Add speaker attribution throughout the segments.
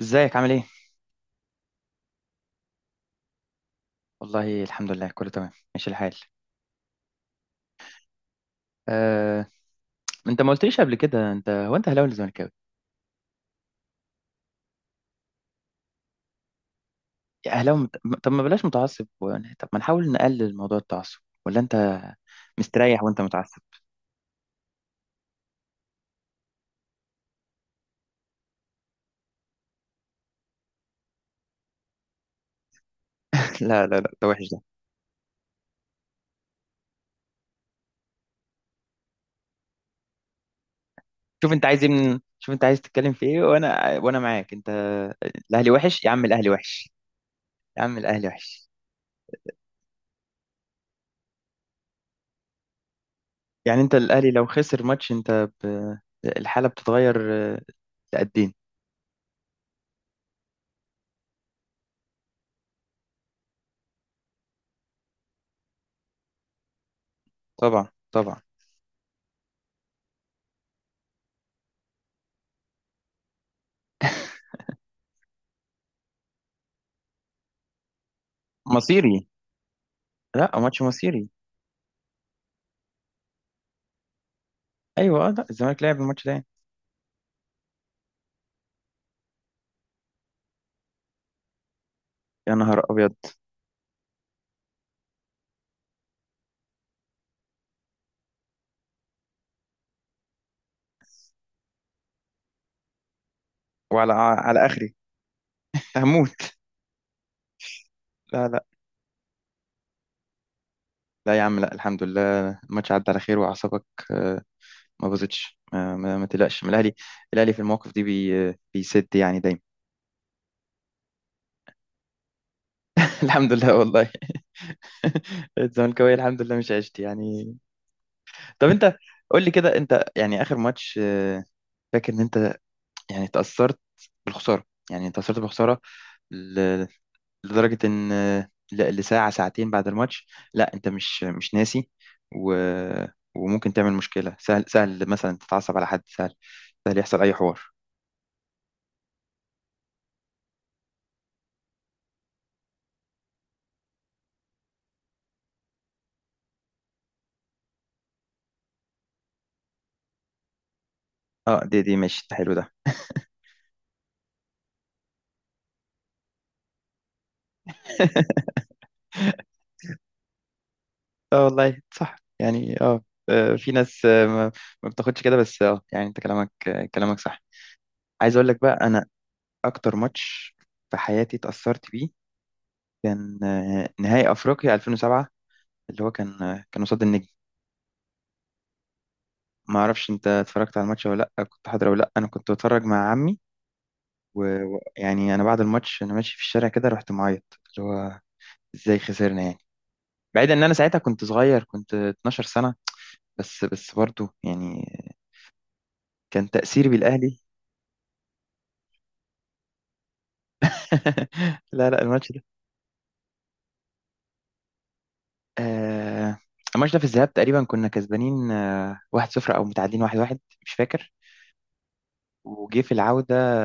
Speaker 1: ازيك عامل ايه؟ والله الحمد لله كله تمام ماشي الحال. آه، انت ما قلتليش قبل كده انت اهلاوي ولا زملكاوي؟ يا اهلاوي مت... طب ما بلاش متعصب و... طب ما نحاول نقلل موضوع التعصب، ولا انت مستريح وانت متعصب؟ لا لا لا، ده وحش ده. شوف انت عايز ايه من... شوف انت عايز تتكلم في ايه، وانا معاك انت. الاهلي وحش يا عم، الاهلي وحش يا عم، الاهلي وحش. يعني انت الاهلي لو خسر ماتش انت ب... الحالة بتتغير، لقدين. طبعا طبعا. مصيري، لا ماتش مصيري. ايوه لا الزمالك لعب الماتش ده يعني. يا نهار ابيض. وعلى على اخري هموت. لا لا لا يا عم، لا الحمد لله الماتش عدى على خير واعصابك آه، ما باظتش. ما تقلقش من الاهلي، الاهلي في المواقف دي بي بيسد يعني دايما. الحمد لله والله. الزملكاويه الحمد لله مش عشت يعني. طب انت قول لي كده، انت يعني اخر ماتش فاكر ان انت يعني تاثرت بالخساره، يعني تاثرت بالخساره لدرجة إن لساعة ساعتين بعد الماتش لا أنت مش ناسي و... وممكن تعمل مشكلة، سهل سهل مثلا تتعصب على حد، سهل سهل يحصل أي حوار. اه دي ماشي، ده حلو ده. اه والله صح يعني اه. في ناس ما بتاخدش كده، بس اه يعني انت كلامك كلامك صح. عايز اقول لك بقى، انا اكتر ماتش في حياتي اتأثرت بيه كان نهائي افريقيا 2007، اللي هو كان كان قصاد النجم. ما اعرفش انت اتفرجت على الماتش ولا لا، كنت حاضر ولا لا. انا كنت بتفرج مع عمي، ويعني انا بعد الماتش انا ماشي في الشارع كده رحت معيط. اللي هو ازاي خسرنا يعني؟ بعيد ان انا ساعتها كنت صغير، كنت 12 سنة، بس بس برضه يعني كان تأثيري بالاهلي. لا لا الماتش ده آه الماتش ده في الذهاب تقريبا كنا كسبانين 1-0 او متعادلين 1-1، مش فاكر. وجه في العودة،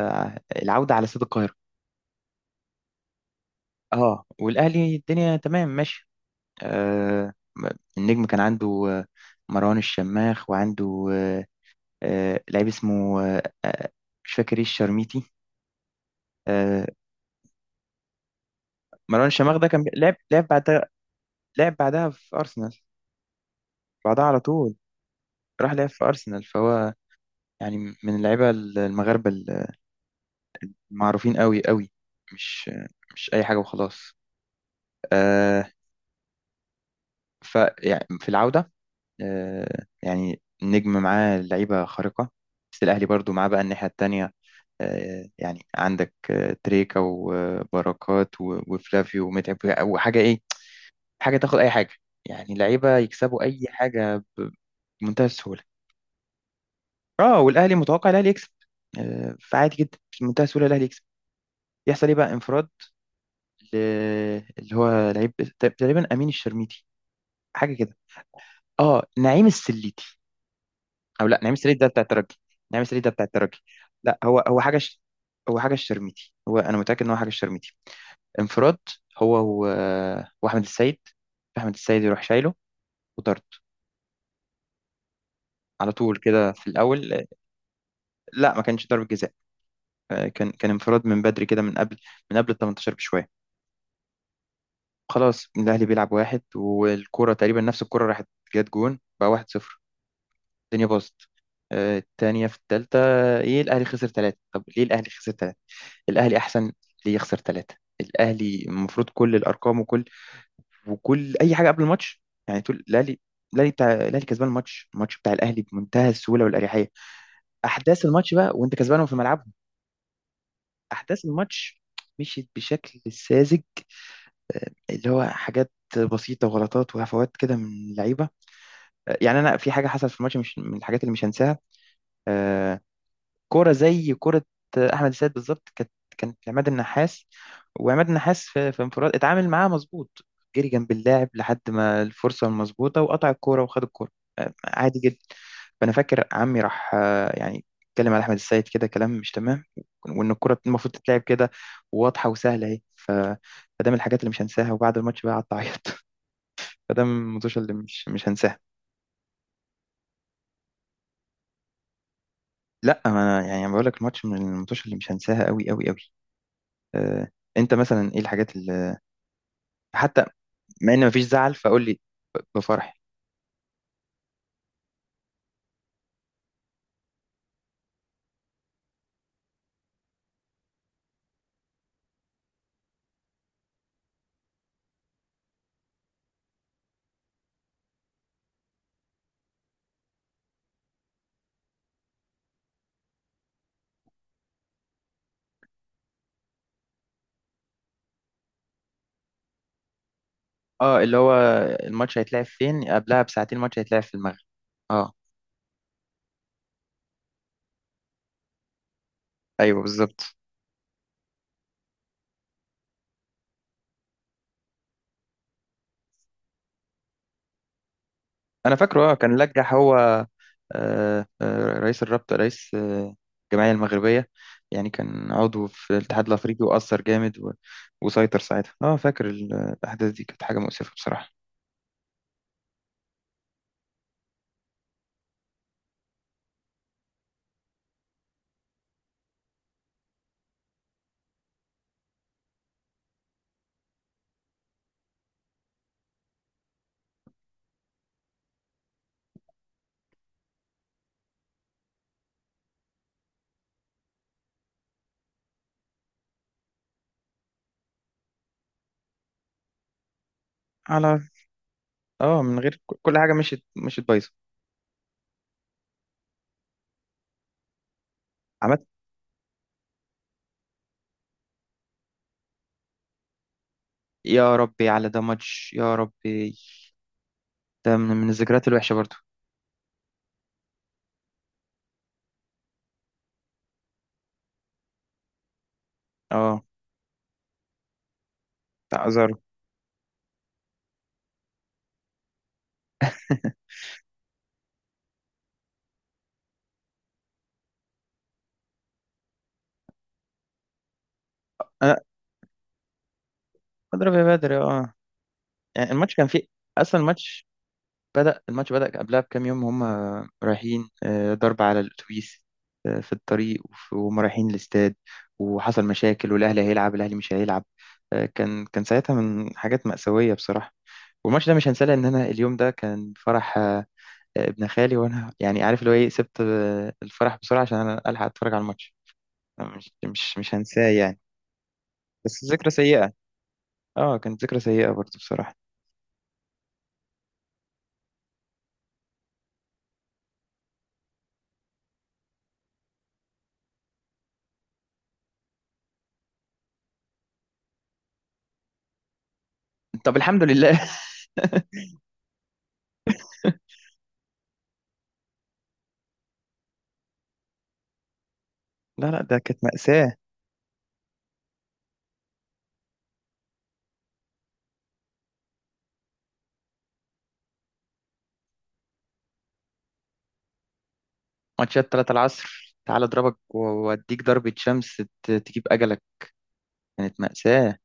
Speaker 1: العودة على استاد القاهرة، اه والاهلي الدنيا تمام ماشي. آه، النجم كان عنده مروان الشماخ، وعنده لعيب اسمه مش فاكر، ايه الشرميتي. آه، مروان الشماخ ده كان لعب بعدها، لعب بعدها في أرسنال. بعدها على طول راح لعب في أرسنال، فهو يعني من اللعيبة المغاربة المعروفين قوي قوي، مش مش أي حاجة وخلاص. آه، ف يعني في العودة يعني النجم معاه لعيبة خارقة، بس الأهلي برضو معاه بقى الناحية التانية يعني عندك تريكا وبركات وفلافيو ومتعب، وحاجة إيه، حاجة تاخد أي حاجة، يعني لعيبة يكسبوا أي حاجة بمنتهى السهولة. اه والأهلي متوقع الأهلي يكسب، فعادي جدا بمنتهى السهولة الأهلي يكسب. يحصل إيه بقى، انفراد ل- اللي هو لعيب تقريبا أمين الشرميتي حاجة كده، اه نعيم السليتي، أو لا نعيم السليتي ده بتاع الترجي، نعيم السليتي ده بتاع الترجي. لا هو هو حاجة الشرميتي، هو أنا متأكد إن هو حاجة الشرميتي. انفراد هو و... واحمد السيد، احمد السيد يروح شايله وطرد على طول كده في الاول. لا ما كانش ضربة جزاء، كان انفراد من بدري كده، من قبل من قبل ال 18 بشويه. خلاص الاهلي بيلعب واحد، والكرة تقريبا نفس الكرة راحت جت جون بقى 1-0، الدنيا باظت. التانية في التالتة، ايه الاهلي خسر ثلاثة؟ طب ليه الاهلي خسر ثلاثة؟ الاهلي احسن، ليه يخسر ثلاثة؟ الاهلي المفروض كل الارقام وكل اي حاجه قبل الماتش يعني تقول الاهلي، الاهلي بتاع الاهلي كسبان الماتش، الماتش بتاع الاهلي بمنتهى السهوله والاريحيه. احداث الماتش بقى وانت كسبانهم في ملعبهم، احداث الماتش مشيت بشكل ساذج، اللي هو حاجات بسيطه وغلطات وهفوات كده من اللعيبه. يعني انا في حاجه حصلت في الماتش مش من الحاجات اللي مش هنساها آه، كوره زي كوره، احمد السيد بالظبط كانت كانت عماد النحاس، وعماد النحاس في انفراد اتعامل معاها مظبوط، جري جنب اللاعب لحد ما الفرصه المظبوطه وقطع الكوره وخد الكوره عادي جدا. فانا فاكر عمي راح يعني اتكلم على احمد السيد كده كلام مش تمام، وان الكره المفروض تتلعب كده واضحه وسهله اهي. فده من الحاجات اللي مش هنساها، وبعد الماتش بقى قعدت اعيط. فده من الماتش اللي مش هنساها. لا ما انا يعني بقول لك الماتش من الماتش اللي مش هنساها قوي قوي قوي. آه، انت مثلا ايه الحاجات اللي حتى مع ان مفيش زعل فقول لي بفرح. اه اللي هو الماتش هيتلعب فين؟ قبلها بساعتين الماتش هيتلعب في المغرب اه. ايوه بالظبط، انا فاكره اه كان لجح هو رئيس الرابطة، رئيس الجمعية المغربية، يعني كان عضو في الاتحاد الافريقي واثر جامد وسيطر ساعتها، اه فاكر الاحداث دي كانت حاجة مؤسفة بصراحة. على اه من غير كل حاجة مشيت بايظة عملت. يا ربي على ده ماتش، يا ربي ده من الذكريات الوحشه برضو. اه بتاع ازارو. انا اضرب يا بدر اه، يعني الماتش كان فيه اصلا، الماتش بدأ، الماتش بدأ قبلها بكام يوم، هم رايحين ضرب على الاتوبيس في الطريق وهم رايحين الاستاد، وحصل مشاكل، والاهلي هيلعب الاهلي مش هيلعب، كان كان ساعتها من حاجات مأساوية بصراحة. والماتش ده مش هنساه لان انا اليوم ده كان فرح ابن خالي، وانا يعني عارف اللي هو ايه، سبت الفرح بسرعة عشان انا الحق اتفرج على الماتش. أنا مش هنساه يعني. بس ذكرى سيئة، اه كانت ذكرى سيئة برضو بصراحة. طب الحمد لله. لا لا ده كانت مأساة، ماتشات 3 العصر تعال اضربك واديك ضربة شمس، تجيب اجلك، كانت مأساة.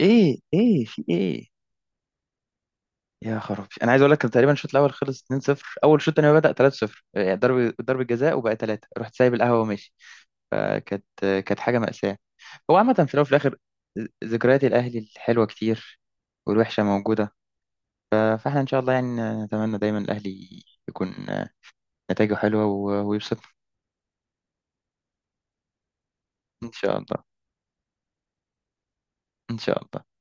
Speaker 1: ايه ايه في ايه؟ يا خرابي، انا عايز اقول لك كان تقريبا الشوط الاول خلص 2-0، اول شوط تاني ما بدأ 3-0، يعني ضرب جزاء وبقى 3، رحت سايب القهوة وماشي. فكانت كانت حاجة مأساة. هو عامة في الاول وفي الاخر ذكريات الاهلي الحلوة كتير، والوحشة موجودة، فاحنا ان شاء الله يعني نتمنى دايما الاهلي يكون نتائجه حلوه ويبسطنا. ان شاء الله ان شاء الله.